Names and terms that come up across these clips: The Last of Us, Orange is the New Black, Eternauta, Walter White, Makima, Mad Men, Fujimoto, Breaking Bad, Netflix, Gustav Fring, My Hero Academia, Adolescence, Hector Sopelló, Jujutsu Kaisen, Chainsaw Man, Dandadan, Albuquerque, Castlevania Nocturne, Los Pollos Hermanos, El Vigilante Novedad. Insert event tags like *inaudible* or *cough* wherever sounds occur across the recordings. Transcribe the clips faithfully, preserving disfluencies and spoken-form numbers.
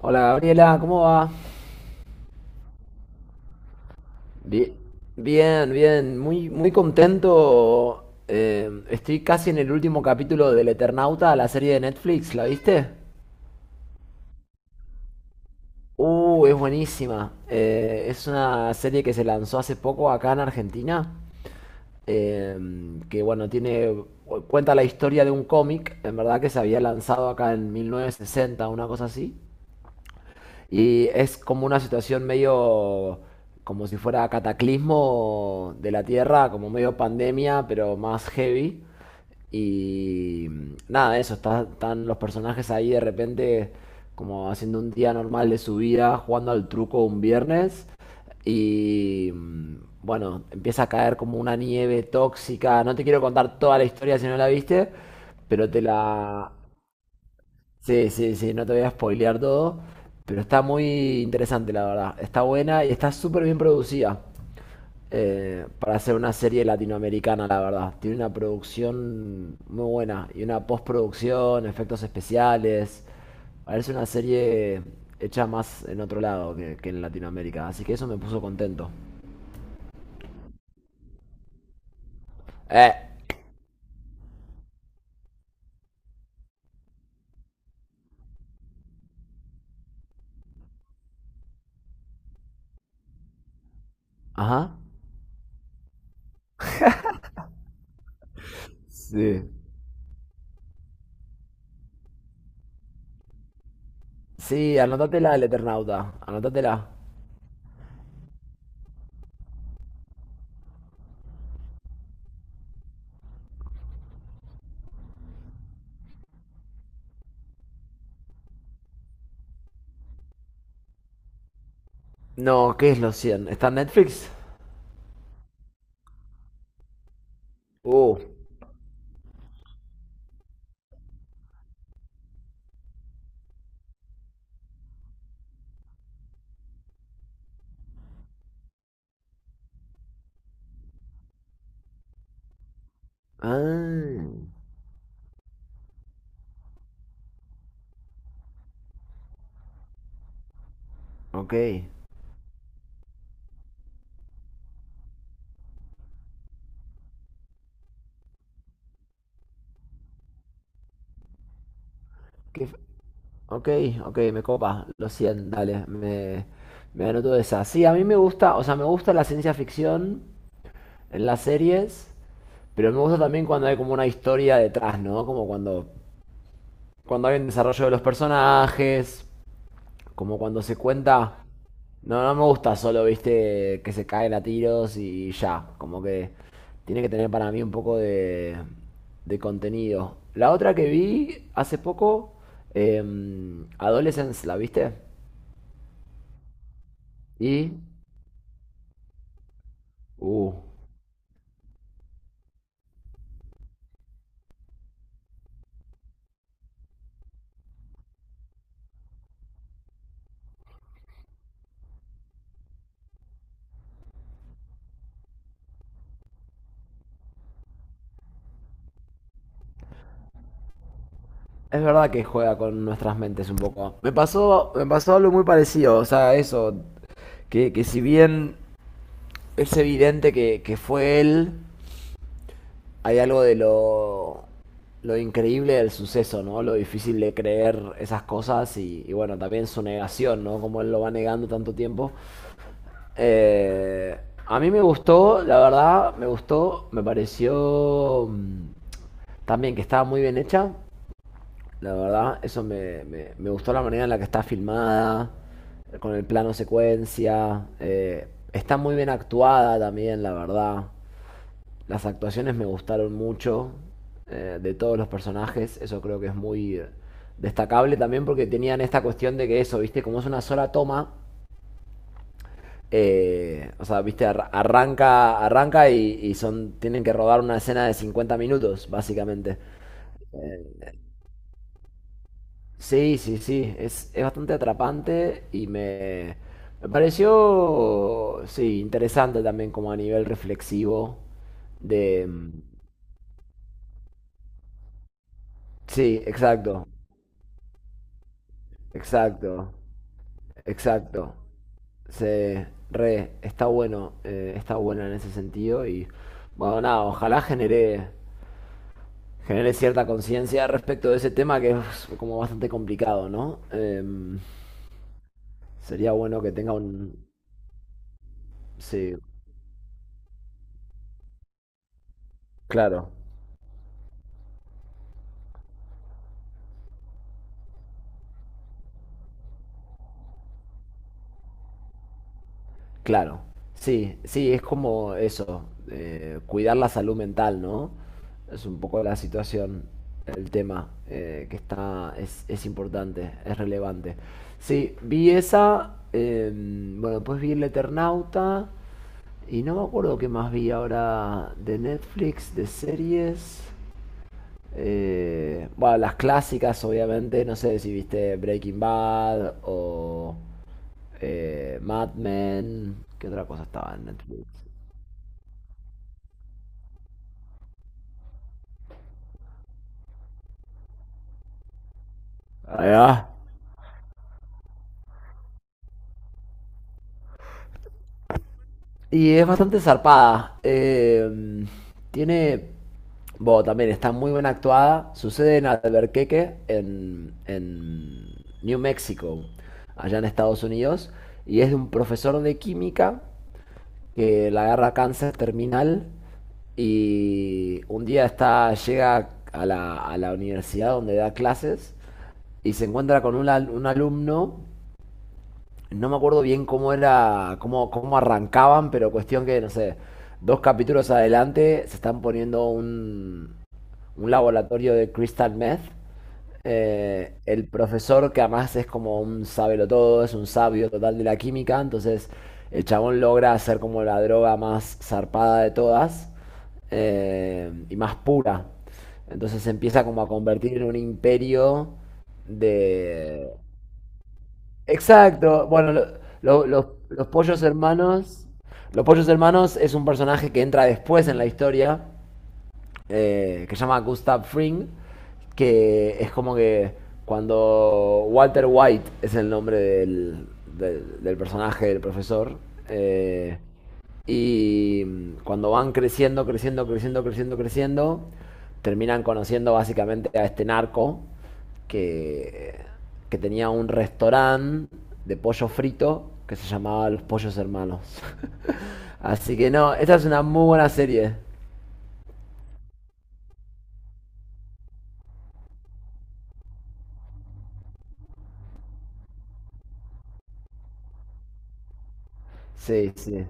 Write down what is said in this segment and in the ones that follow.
Hola Gabriela, ¿cómo va? Bien, bien, bien. Muy, muy contento. Eh, estoy casi en el último capítulo del Eternauta, la serie de Netflix, ¿la viste? Uh, es buenísima. Eh, es una serie que se lanzó hace poco acá en Argentina. eh, que bueno, tiene, cuenta la historia de un cómic, en verdad que se había lanzado acá en mil novecientos sesenta, una cosa así. Y es como una situación medio como si fuera cataclismo de la Tierra, como medio pandemia, pero más heavy. Y nada, eso, está- están los personajes ahí de repente como haciendo un día normal de su vida, jugando al truco un viernes. Y mm, bueno, empieza a caer como una nieve tóxica. No te quiero contar toda la historia si no la viste, pero te la. Sí, sí, sí, no te voy a spoilear todo, pero está muy interesante, la verdad. Está buena y está súper bien producida eh, para hacer una serie latinoamericana, la verdad. Tiene una producción muy buena y una postproducción, efectos especiales. Parece una serie hecha más en otro lado que, que en Latinoamérica, así que eso me puso contento. Eh, ajá. Sí. Sí, anótatela el Eternauta, anótatela. No, ¿qué es los cien? ¿Está en Netflix? Uh. Ah, ok. Qué f- ok, ok, me copa. Lo siento, dale, me, me anoto esa. Sí, a mí me gusta, o sea, me gusta la ciencia ficción en las series, pero me gusta también cuando hay como una historia detrás, ¿no? Como cuando, cuando hay un desarrollo de los personajes. Como cuando se cuenta. No, no me gusta solo, viste, que se caen a tiros y ya. Como que tiene que tener para mí un poco de, de contenido. La otra que vi hace poco, em, Adolescence, ¿la viste? Y. Uh. Es verdad que juega con nuestras mentes un poco. Me pasó, me pasó algo muy parecido. O sea, eso. Que, que si bien es evidente que, que fue él, hay algo de lo, lo increíble del suceso, ¿no? Lo difícil de creer esas cosas y, y bueno, también su negación, ¿no? Como él lo va negando tanto tiempo. Eh, a mí me gustó, la verdad, me gustó, me pareció mm, también que estaba muy bien hecha, la verdad, eso me, me- me gustó la manera en la que está filmada, con el plano secuencia, eh, está muy bien actuada también, la verdad. Las actuaciones me gustaron mucho eh, de todos los personajes, eso creo que es muy eh, destacable también porque tenían esta cuestión de que eso, viste, como es una sola toma, eh, o sea, viste, Arra- arranca, arranca y, y son, tienen que rodar una escena de cincuenta minutos, básicamente. Sí, sí, sí, es, es bastante atrapante y me, me pareció, sí, interesante también como a nivel reflexivo de. Mm, sí, exacto, exacto. Exacto. Se re, está bueno, eh, está bueno en ese sentido y bueno, nada, ojalá genere, genere cierta conciencia respecto de ese tema que es como bastante complicado, ¿no? Em, sería bueno que tenga un. Sí, claro. Claro, sí, sí, es como eso, eh, cuidar la salud mental, ¿no? Es un poco la situación, el tema eh, que está, es, es importante, es relevante. Sí, vi esa, eh, bueno, después vi El Eternauta y no me acuerdo qué más vi ahora de Netflix, de series. Eh, bueno, las clásicas, obviamente, no sé si viste Breaking Bad o eh, Mad Men, ¿qué otra cosa estaba en Netflix? Ahí va. Y es bastante zarpada. Eh, tiene, bueno, también está muy bien actuada. Sucede en Albuquerque, en, en New Mexico, allá en Estados Unidos. Y es de un profesor de química que la agarra cáncer terminal. Y un día está, llega a la, a la universidad donde da clases y se encuentra con un, al- un alumno. No me acuerdo bien cómo era, cómo, cómo arrancaban, pero cuestión que, no sé, dos capítulos adelante se están poniendo un, un laboratorio de crystal meth. Eh, el profesor, que además es como un todo, es un sabio total de la química, entonces el chabón logra hacer como la droga más zarpada de todas eh, y más pura. Entonces se empieza como a convertir en un imperio de, Exacto. Bueno, lo- lo- los, los pollos hermanos. Los pollos hermanos es un personaje que entra después en la historia, eh, que se llama Gustav Fring, que es como que cuando Walter White es el nombre del, del- del personaje del profesor. eh, y mm, cuando van creciendo, creciendo, creciendo, creciendo, creciendo, terminan conociendo básicamente a este narco que, que tenía un restaurante de pollo frito que se llamaba Los Pollos Hermanos. *laughs* Así que no, esta es una muy buena serie. Sí, sí.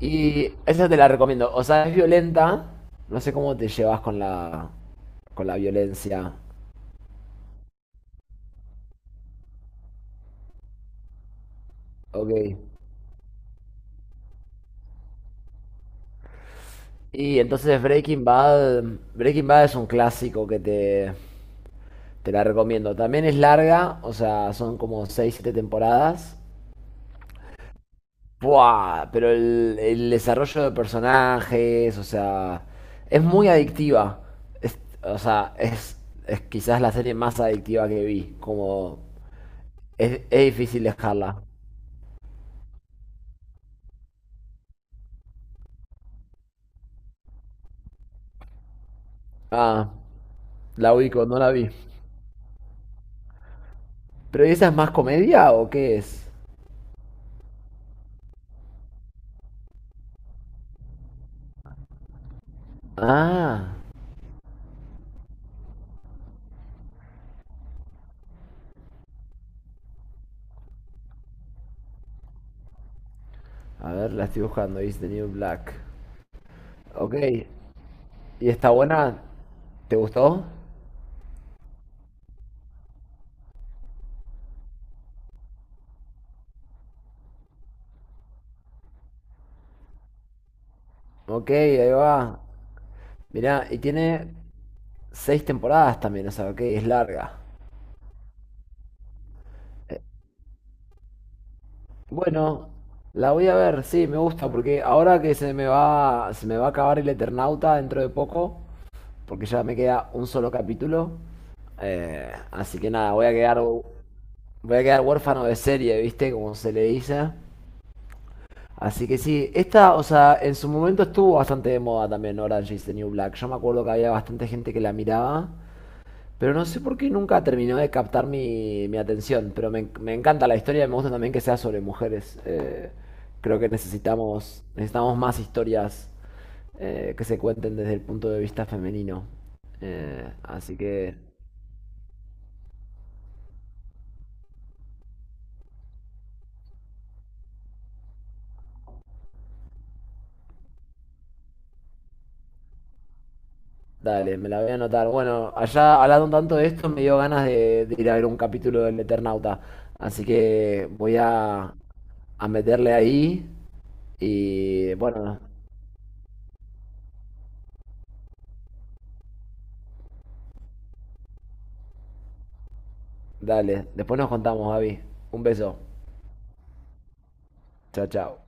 Y esa te la recomiendo. O sea, es violenta. No sé cómo te llevas con la, con la violencia. Ok. Y entonces Breaking Bad, Breaking Bad es un clásico que te, te la recomiendo. También es larga, o sea, son como seis siete temporadas. ¡Buah! Pero el, el desarrollo de personajes, o sea, es muy adictiva. Es- o sea, es, es quizás la serie más adictiva que vi. Como es, es difícil dejarla. Ah, la ubico, no la vi. ¿Pero ¿y esa es más comedia o qué es? Ah, a ver, la estoy buscando. Is the New Black. Ok, ¿y está buena? ¿Te gustó? Ok, ahí va. Mirá, y tiene seis temporadas también, o sea, ok, es larga. Bueno, la voy a ver, sí, me gusta, porque ahora que se me va, se me va a acabar el Eternauta dentro de poco, porque ya me queda un solo capítulo, eh, así que nada, voy a quedar, voy a quedar huérfano de serie, ¿viste? Como se le dice. Así que sí, esta, o sea, en su momento estuvo bastante de moda también Orange is the New Black. Yo me acuerdo que había bastante gente que la miraba, pero no sé por qué nunca terminó de captar mi, mi atención. Pero me, me encanta la historia y me gusta también que sea sobre mujeres. Eh, creo que necesitamos, necesitamos más historias eh, que se cuenten desde el punto de vista femenino. Eh, así que dale, me la voy a anotar. Bueno, allá hablando tanto de esto, me dio ganas de, de ir a ver un capítulo del Eternauta. Así que voy a, a meterle ahí. Y bueno, dale. Después nos contamos, David. Un beso. Chao, chao.